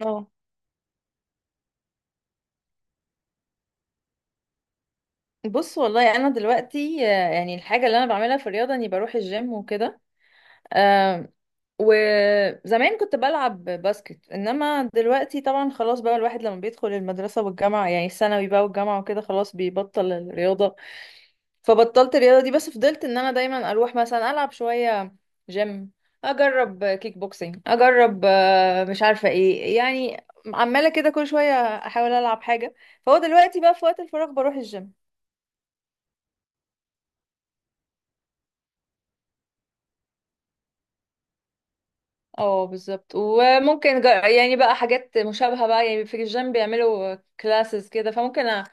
اه. بص والله انا دلوقتي يعني الحاجه اللي انا بعملها في الرياضه اني بروح الجيم وكده. آم، وزمان كنت بلعب باسكت، انما دلوقتي طبعا خلاص بقى الواحد لما بيدخل المدرسه والجامعه، يعني الثانوي بقى والجامعه وكده، خلاص بيبطل الرياضه. فبطلت الرياضه دي، بس فضلت ان انا دايما اروح مثلا العب شويه جيم، اجرب كيك بوكسينج، اجرب مش عارفه ايه يعني. عماله كده كل شويه احاول العب حاجه. فهو دلوقتي بقى في وقت الفراغ بروح الجيم. اه بالظبط. وممكن يعني بقى حاجات مشابهة بقى، يعني في الجيم بيعملوا كلاسز كده، فممكن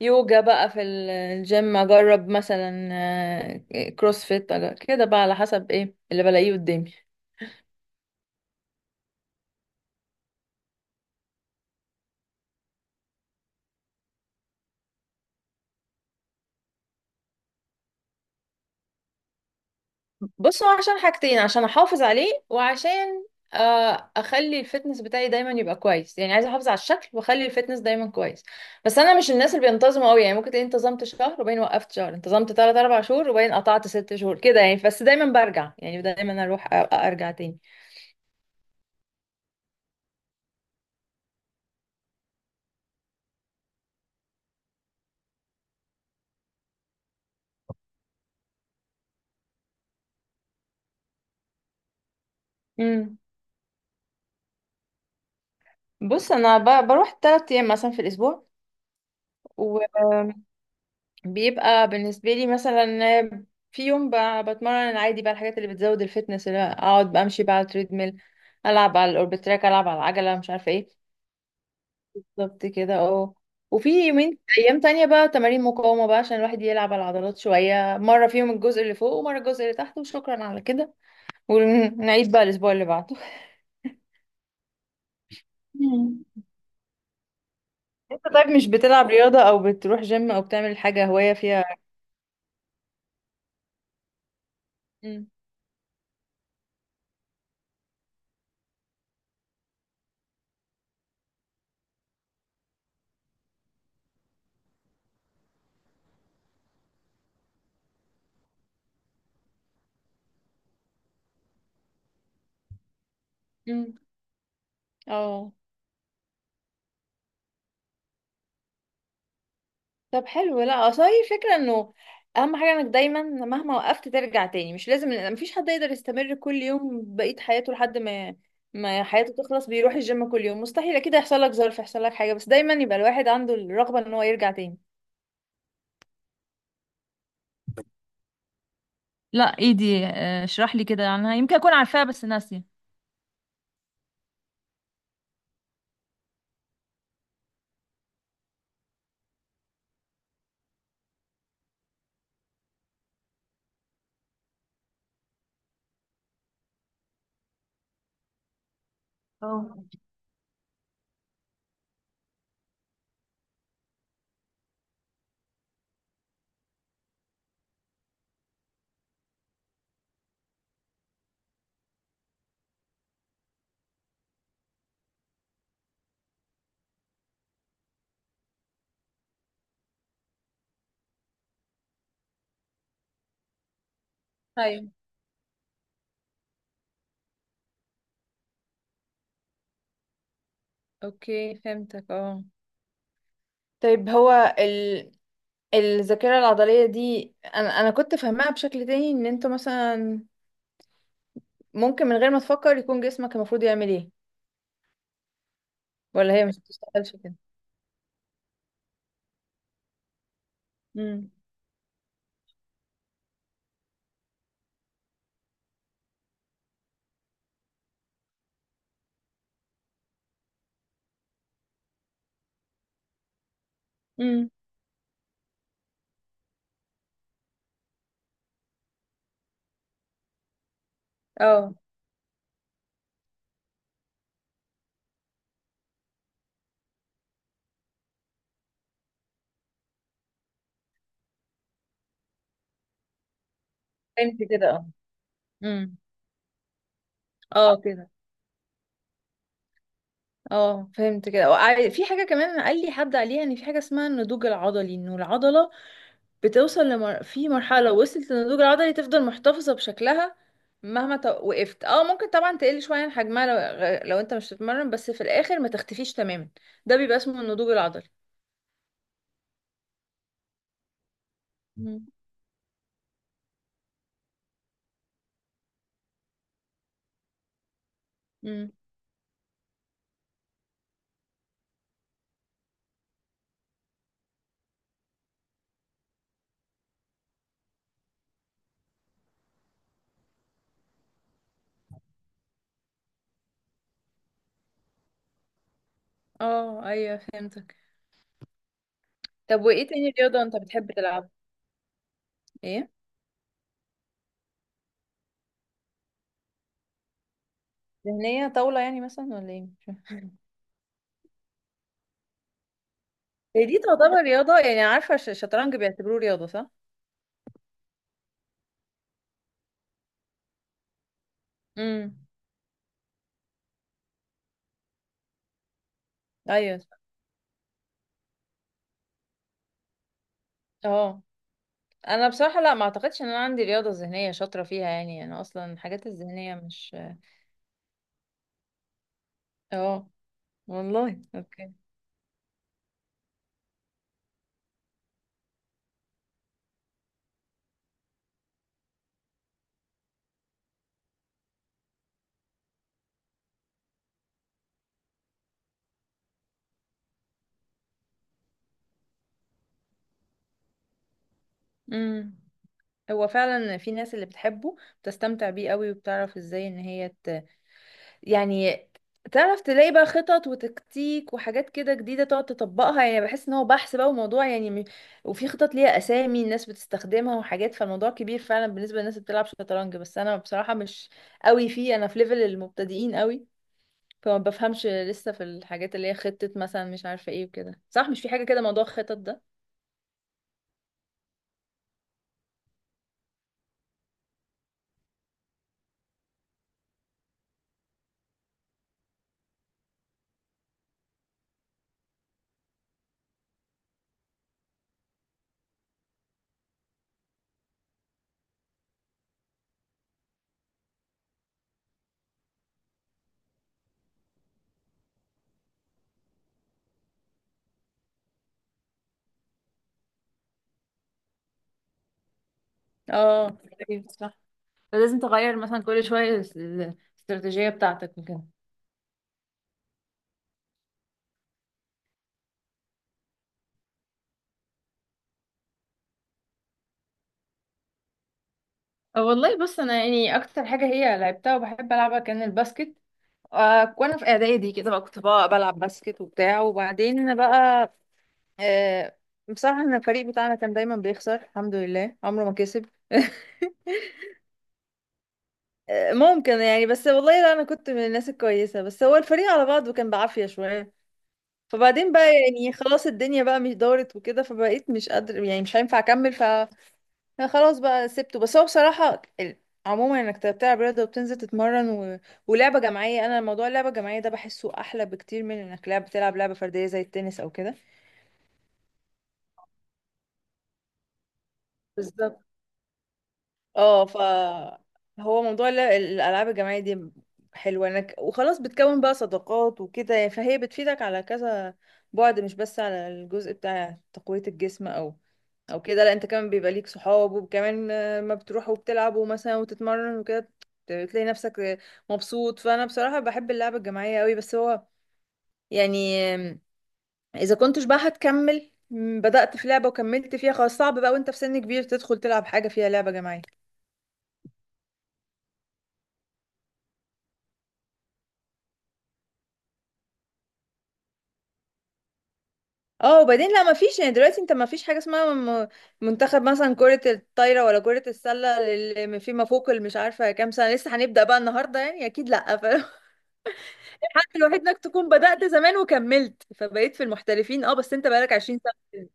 يوجا بقى في الجيم اجرب مثلا، كروسفيت، كده بقى على حسب ايه اللي بلاقيه قدامي. بص، هو عشان حاجتين، عشان احافظ عليه وعشان اخلي الفتنس بتاعي دايما يبقى كويس. يعني عايزه احافظ على الشكل واخلي الفتنس دايما كويس. بس انا مش الناس اللي بينتظموا قوي، يعني ممكن تلاقيني انتظمت شهر وبعدين وقفت شهر، انتظمت 3 4 شهور وبعدين قطعت 6 شهور كده يعني، بس دايما برجع، يعني دايما اروح ارجع تاني. امم بص انا بروح 3 ايام مثلا في الاسبوع. بيبقى بالنسبة لي مثلا في يوم بتمرن عادي بقى الحاجات اللي بتزود الفتنس، اللي اقعد بمشي بقى على التريدميل، العب على الاوربت تراك، العب على العجلة، مش عارفة ايه. بالظبط كده اه. وفي يومين ايام تانية بقى تمارين مقاومة بقى عشان الواحد يلعب على العضلات شوية، مرة فيهم الجزء اللي فوق ومرة الجزء اللي تحت وشكرا على كده، ونعيد بقى الاسبوع اللي بعده. مم. انت طيب مش بتلعب رياضة او بتروح جيم او بتعمل حاجة هواية فيها؟ مم. مم. اه. طب حلو. لا اصل هي الفكره انه اهم حاجه انك دايما مهما وقفت ترجع تاني، مش لازم، مفيش حد يقدر يستمر كل يوم بقيه حياته لحد ما ما حياته تخلص بيروح الجيم كل يوم، مستحيل، اكيد هيحصل لك ظرف، يحصل لك حاجه، بس دايما يبقى الواحد عنده الرغبه ان هو يرجع تاني. لا، ايه دي؟ اشرح لي كده عنها، يمكن اكون عارفاها بس ناسيه. اه، ايوه، اوكي فهمتك اه. طيب هو ال… الذاكرة العضلية دي أنا كنت فاهماها بشكل تاني، إن أنتوا مثلا ممكن من غير ما تفكر يكون جسمك المفروض يعمل ايه؟ ولا هي مش بتشتغلش كده؟ امم. امم. اه فهمت كده. اه. امم. اه كده. اه فهمت كده. في حاجة كمان قال لي حد عليها، ان في حاجة اسمها النضوج العضلي، انه العضلة بتوصل لمر… في مرحلة لو وصلت للنضوج العضلي تفضل محتفظة بشكلها مهما ت… وقفت. اه ممكن طبعا تقل شوية عن حجمها لو… لو انت مش بتتمرن، بس في الاخر ما تختفيش تماما. ده بيبقى اسمه النضوج العضلي. امم. امم. اه ايوه فهمتك. طب وايه تاني رياضة انت بتحب تلعب؟ ايه ذهنية؟ طاولة يعني مثلا ولا ايه؟ مش فاهم. هي دي تعتبر رياضة؟ يعني عارفة الشطرنج بيعتبروه رياضة صح؟ امم. ايوه صح. اه. انا بصراحة لا، ما اعتقدش ان انا عندي رياضة ذهنية شاطرة فيها، يعني انا اصلا الحاجات الذهنية مش… اه، والله اوكي. امم. هو فعلا في ناس اللي بتحبه، بتستمتع بيه قوي، وبتعرف ازاي ان هي ت… يعني تعرف تلاقي بقى خطط وتكتيك وحاجات كده جديدة تقعد تطبقها، يعني بحس ان هو بحث بقى وموضوع يعني وفي خطط ليها اسامي الناس بتستخدمها وحاجات، فالموضوع كبير فعلا بالنسبة للناس اللي بتلعب شطرنج. بس انا بصراحة مش قوي فيه، انا في ليفل المبتدئين قوي، فما بفهمش لسه في الحاجات اللي هي خطة مثلا مش عارفة ايه وكده. صح، مش في حاجة كده موضوع الخطط ده؟ اه، أيوة صح. فلازم تغير مثلا كل شوية الاستراتيجية بتاعتك. والله بص انا يعني اكتر حاجه هي لعبتها وبحب العبها كان الباسكت. وانا في اعدادي كده بقى كنت بقى بلعب باسكت وبتاع، وبعدين انا بقى آه، بصراحه انا الفريق بتاعنا كان دايما بيخسر، الحمد لله عمره ما كسب. ممكن يعني، بس والله لا انا كنت من الناس الكويسه، بس هو الفريق على بعضه كان بعافيه شويه، فبعدين بقى يعني خلاص الدنيا بقى مش دارت وكده، فبقيت مش قادر يعني مش هينفع اكمل. لا خلاص بقى سبته. بس هو بصراحة عموما انك بتلعب رياضة وبتنزل تتمرن و… ولعبة جماعية، انا موضوع اللعبة الجماعية ده بحسه احلى بكتير من انك بتلعب لعبة فردية زي التنس او كده. بالظبط اه. ف هو موضوع الالعاب الجماعيه دي حلوه، انك وخلاص بتكون بقى صداقات وكده يعني، فهي بتفيدك على كذا، بعد مش بس على الجزء بتاع تقويه الجسم او او كده، لا، انت كمان بيبقى ليك صحاب، وكمان ما بتروحوا وبتلعبوا مثلا وتتمرن وكده، بتلاقي نفسك مبسوط. فانا بصراحه بحب اللعبه الجماعيه قوي، بس هو يعني اذا كنتش بقى هتكمل، بدأت في لعبة وكملت فيها، خلاص صعب بقى وانت في سن كبير تدخل تلعب حاجة فيها لعبة جماعية. اه وبعدين لا، ما فيش يعني دلوقتي، انت ما فيش حاجه اسمها منتخب مثلا كره الطايره ولا كره السله اللي فيما فوق اللي مش عارفه كام سنه لسه هنبدا بقى النهارده يعني، اكيد لا. فالحل الوحيد انك تكون بدات زمان وكملت فبقيت في المحترفين، اه بس انت بقالك 20 سنه.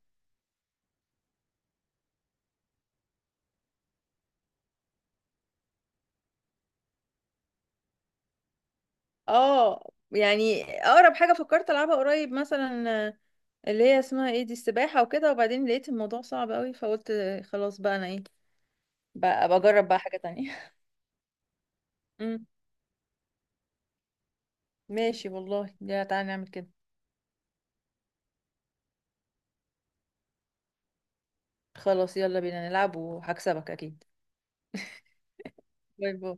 اه يعني اقرب حاجه فكرت العبها قريب مثلا اللي هي اسمها ايه دي، السباحه وكده، وبعدين لقيت الموضوع صعب قوي، فقلت خلاص بقى انا ايه، بقى بجرب بقى حاجه تانية. امم. ماشي والله، يا تعالى نعمل كده. خلاص يلا بينا نلعب وهكسبك اكيد. باي باي.